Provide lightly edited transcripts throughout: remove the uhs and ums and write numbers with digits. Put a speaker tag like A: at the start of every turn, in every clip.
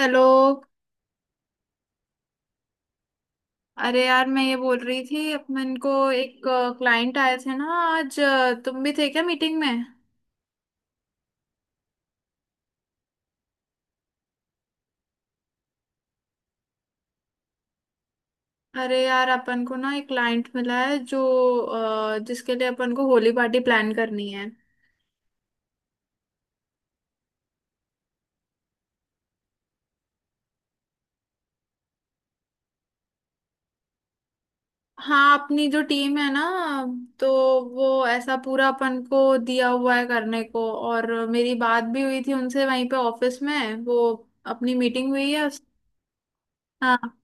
A: Hello. अरे यार, मैं ये बोल रही थी अपन को एक क्लाइंट आए थे ना आज, तुम भी थे क्या मीटिंग में? अरे यार, अपन को ना एक क्लाइंट मिला है जो जिसके लिए अपन को होली पार्टी प्लान करनी है। हाँ, अपनी जो टीम है ना, तो वो ऐसा पूरा अपन को दिया हुआ है करने को। और मेरी बात भी हुई थी उनसे वहीं पे ऑफिस में, वो अपनी मीटिंग हुई है। हाँ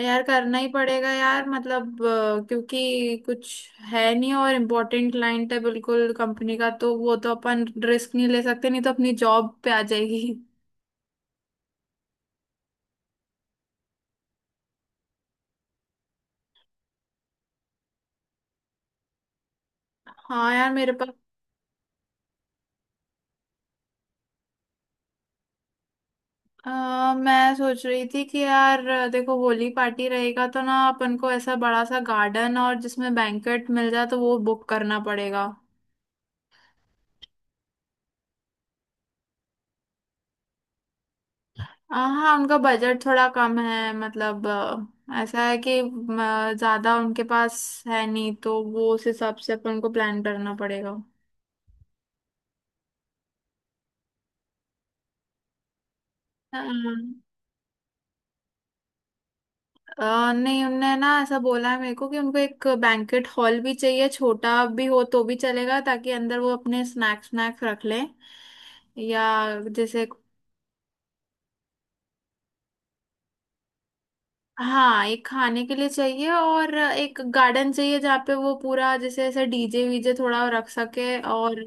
A: यार, करना ही पड़ेगा यार, मतलब क्योंकि कुछ है नहीं और इम्पोर्टेंट क्लाइंट है बिल्कुल कंपनी का, तो वो तो अपन रिस्क नहीं ले सकते, नहीं तो अपनी जॉब पे आ जाएगी। हाँ यार, मेरे पास मैं सोच रही थी कि यार देखो, होली पार्टी रहेगा तो ना अपन को ऐसा बड़ा सा गार्डन और जिसमें बैंकेट मिल जाए तो वो बुक करना पड़ेगा। हाँ, उनका बजट थोड़ा कम है, मतलब ऐसा है कि ज्यादा उनके पास है नहीं, तो वो उस हिसाब से अपन को प्लान करना पड़ेगा। अ, नहीं, उनने ना ऐसा बोला है मेरे को कि उनको एक बैंकेट हॉल भी चाहिए, छोटा भी हो तो भी चलेगा, ताकि अंदर वो अपने स्नैक्स स्नैक्स रख लें। या जैसे, हाँ, एक खाने के लिए चाहिए और एक गार्डन चाहिए जहाँ पे वो पूरा जैसे ऐसे डीजे वीजे थोड़ा रख सके।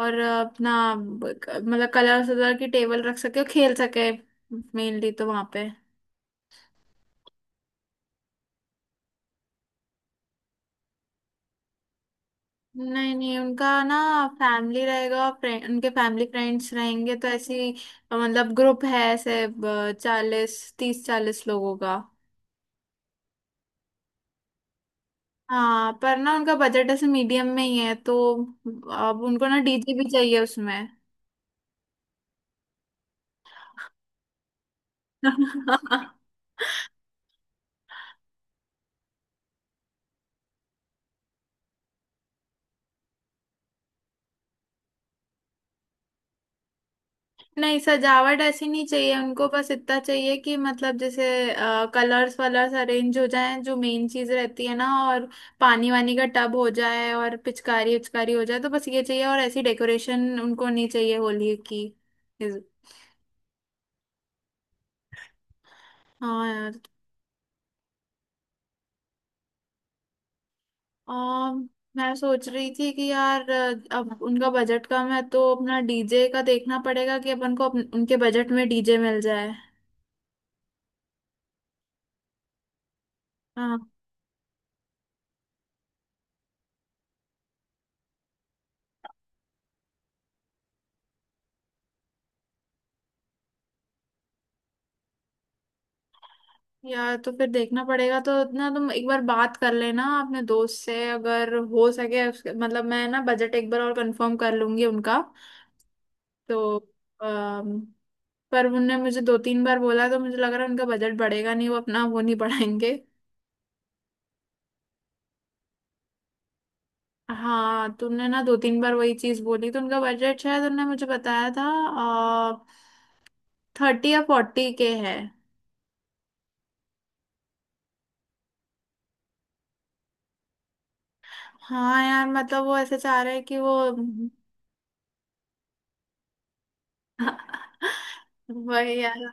A: और अपना, मतलब, कलर सलर की टेबल रख सके और खेल सके, मेनली तो वहां पे। नहीं नहीं, उनका ना फैमिली रहेगा, फ्रेंड, उनके फैमिली फ्रेंड्स रहेंगे, तो ऐसी, मतलब, ग्रुप है ऐसे चालीस 30-40 लोगों का। हाँ, पर ना उनका बजट ऐसे मीडियम में ही है, तो अब उनको ना डीजे भी चाहिए उसमें। नहीं, सजावट ऐसी नहीं चाहिए उनको, बस इतना चाहिए कि, मतलब, जैसे कलर्स वलर्स अरेंज हो जाएं, जो मेन चीज रहती है ना, और पानी वानी का टब हो जाए और पिचकारी उचकारी हो जाए, तो बस ये चाहिए, और ऐसी डेकोरेशन उनको नहीं चाहिए होली की। इस- हाँ यार। अम, मैं सोच रही थी कि यार अब उनका बजट कम है, तो अपना डीजे का देखना पड़ेगा कि अपन को उनके बजट में डीजे मिल जाए। हाँ। यार तो फिर देखना पड़ेगा। तो ना तुम एक बार बात कर लेना अपने दोस्त से, अगर हो सके मतलब मैं ना बजट एक बार और कंफर्म कर लूंगी उनका, तो अम, पर उनने मुझे दो तीन बार बोला, तो मुझे लग रहा है उनका बजट बढ़ेगा नहीं, वो अपना वो नहीं बढ़ाएंगे। हाँ, तुमने ना दो तीन बार वही चीज बोली, तो उनका बजट शायद, उनने मुझे बताया था, 30 या 40K है। हाँ यार, मतलब वो ऐसे चाह रहे हैं कि वो वही यार।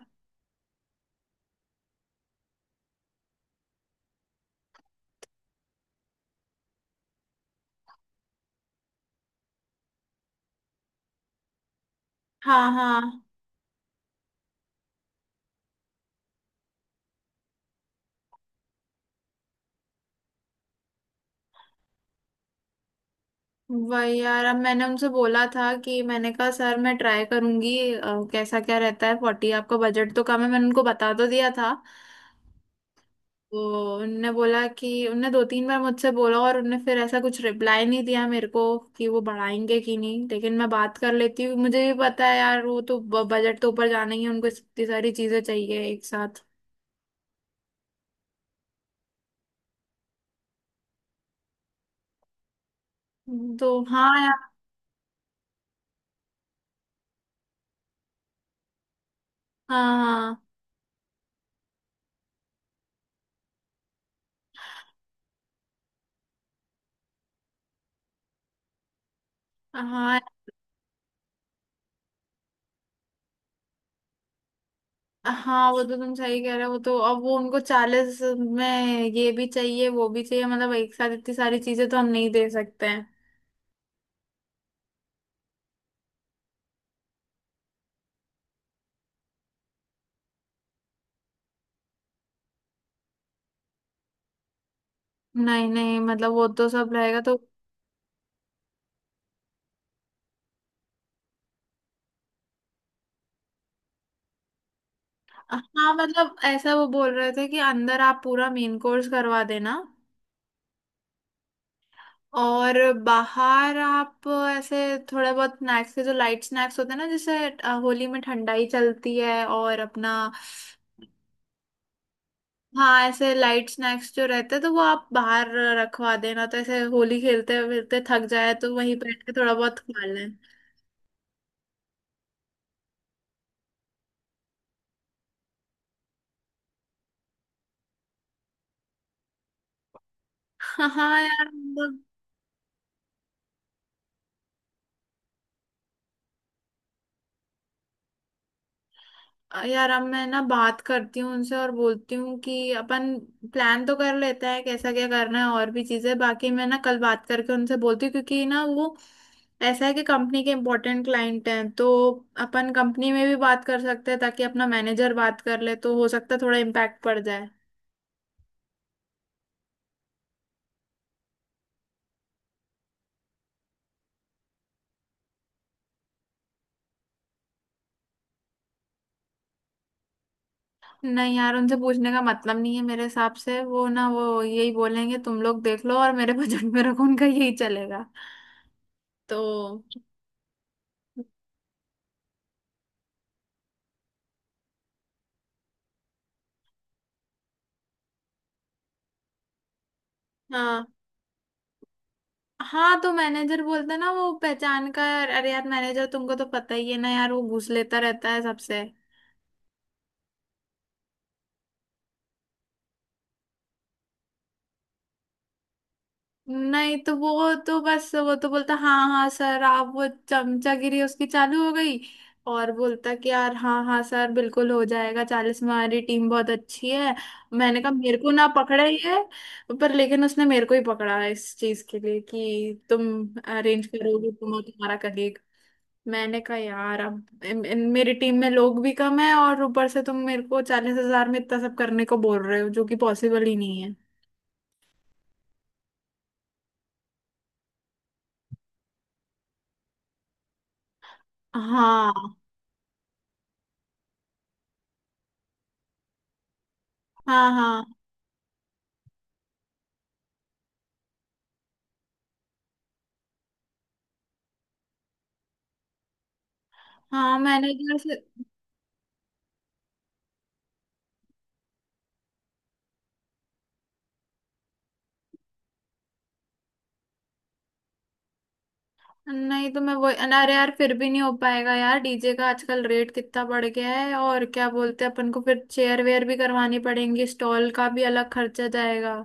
A: हाँ हाँ, वही यार। अब मैंने उनसे बोला था, कि मैंने कहा सर मैं ट्राई करूंगी, कैसा क्या रहता है, 40 आपका बजट तो कम है, मैंने उनको बता तो दिया था। तो उनने बोला कि, उनने दो तीन बार मुझसे बोला, और उनने फिर ऐसा कुछ रिप्लाई नहीं दिया मेरे को कि वो बढ़ाएंगे कि नहीं। लेकिन मैं बात कर लेती हूँ, मुझे भी पता है यार, वो तो बजट तो ऊपर जाना ही है, उनको इतनी सारी चीजें चाहिए एक साथ। तो हाँ यार। हाँ हाँ हाँ हाँ, वो तो तुम सही कह रहे हो, वो तो। अब वो उनको 40 में ये भी चाहिए वो भी चाहिए, मतलब एक साथ इतनी सारी चीजें तो हम नहीं दे सकते हैं। नहीं नहीं, मतलब वो तो सब रहेगा, तो हाँ, मतलब ऐसा वो बोल रहे थे कि अंदर आप पूरा मेन कोर्स करवा देना, और बाहर आप ऐसे थोड़ा बहुत स्नैक्स के, जो लाइट स्नैक्स होते हैं ना, जैसे होली में ठंडाई चलती है और अपना, हाँ, ऐसे लाइट स्नैक्स जो रहते हैं, तो वो आप बाहर रखवा देना, तो ऐसे होली खेलते खेलते थक जाए तो वहीं बैठ के थोड़ा बहुत खा लें। हाँ हाँ यार, मतलब यार अब मैं ना बात करती हूँ उनसे और बोलती हूँ कि अपन प्लान तो कर लेते हैं कैसा क्या करना है और भी चीजें, बाकी मैं ना कल बात करके उनसे बोलती हूँ, क्योंकि ना वो, ऐसा है कि कंपनी के इम्पोर्टेंट क्लाइंट हैं, तो अपन कंपनी में भी बात कर सकते हैं, ताकि अपना मैनेजर बात कर ले, तो हो सकता है थोड़ा इम्पैक्ट पड़ जाए। नहीं यार, उनसे पूछने का मतलब नहीं है मेरे हिसाब से, वो ना वो यही बोलेंगे, तुम लोग देख लो और मेरे बजट में रखो, उनका यही चलेगा, तो हाँ। हाँ, तो मैनेजर बोलता ना वो पहचान का। अरे यार, मैनेजर तुमको तो पता ही है ना यार, वो घूस लेता रहता है सबसे। नहीं, तो वो तो बस, वो तो बोलता हाँ हाँ सर आप, वो चमचागिरी उसकी चालू हो गई, और बोलता कि यार हाँ हाँ सर बिल्कुल हो जाएगा, 40 में हमारी टीम बहुत अच्छी है। मैंने कहा, मेरे को ना पकड़ा ही है, पर, लेकिन उसने मेरे को ही पकड़ा है इस चीज के लिए, कि तुम अरेंज करोगे तुम और तुम्हारा कलीग। मैंने कहा यार, अब मेरी टीम में लोग भी कम है, और ऊपर से तुम मेरे को 40,000 में इतना सब करने को बोल रहे हो, जो कि पॉसिबल ही नहीं है। हाँ हाँ हाँ हाँ, मैंने नहीं, तो मैं वो, अरे यार, फिर भी नहीं हो पाएगा यार, डीजे का आजकल रेट कितना बढ़ गया है, और क्या बोलते हैं अपन को, फिर चेयर वेयर भी करवानी पड़ेंगी, स्टॉल का भी अलग खर्चा जाएगा।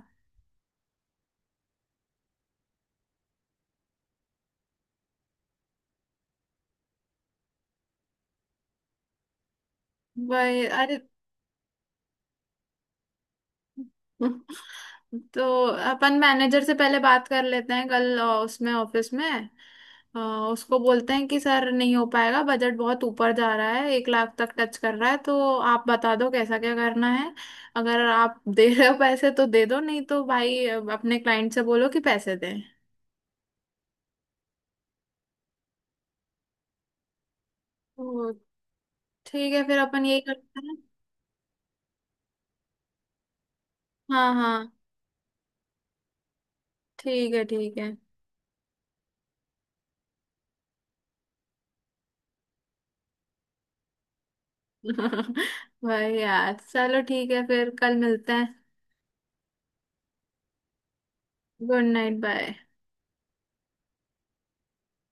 A: वही, अरे, तो अपन मैनेजर से पहले बात कर लेते हैं कल, उसमें ऑफिस में, अ, उसको बोलते हैं कि सर नहीं हो पाएगा, बजट बहुत ऊपर जा रहा है, 1 लाख तक टच कर रहा है, तो आप बता दो कैसा क्या करना है। अगर आप दे रहे हो पैसे तो दे दो, नहीं तो भाई अपने क्लाइंट से बोलो कि पैसे दें। तो ठीक है, फिर अपन यही करते हैं। हाँ हाँ, ठीक है ठीक है। भाई यार, चलो ठीक है, फिर कल मिलते हैं। Good night, bye.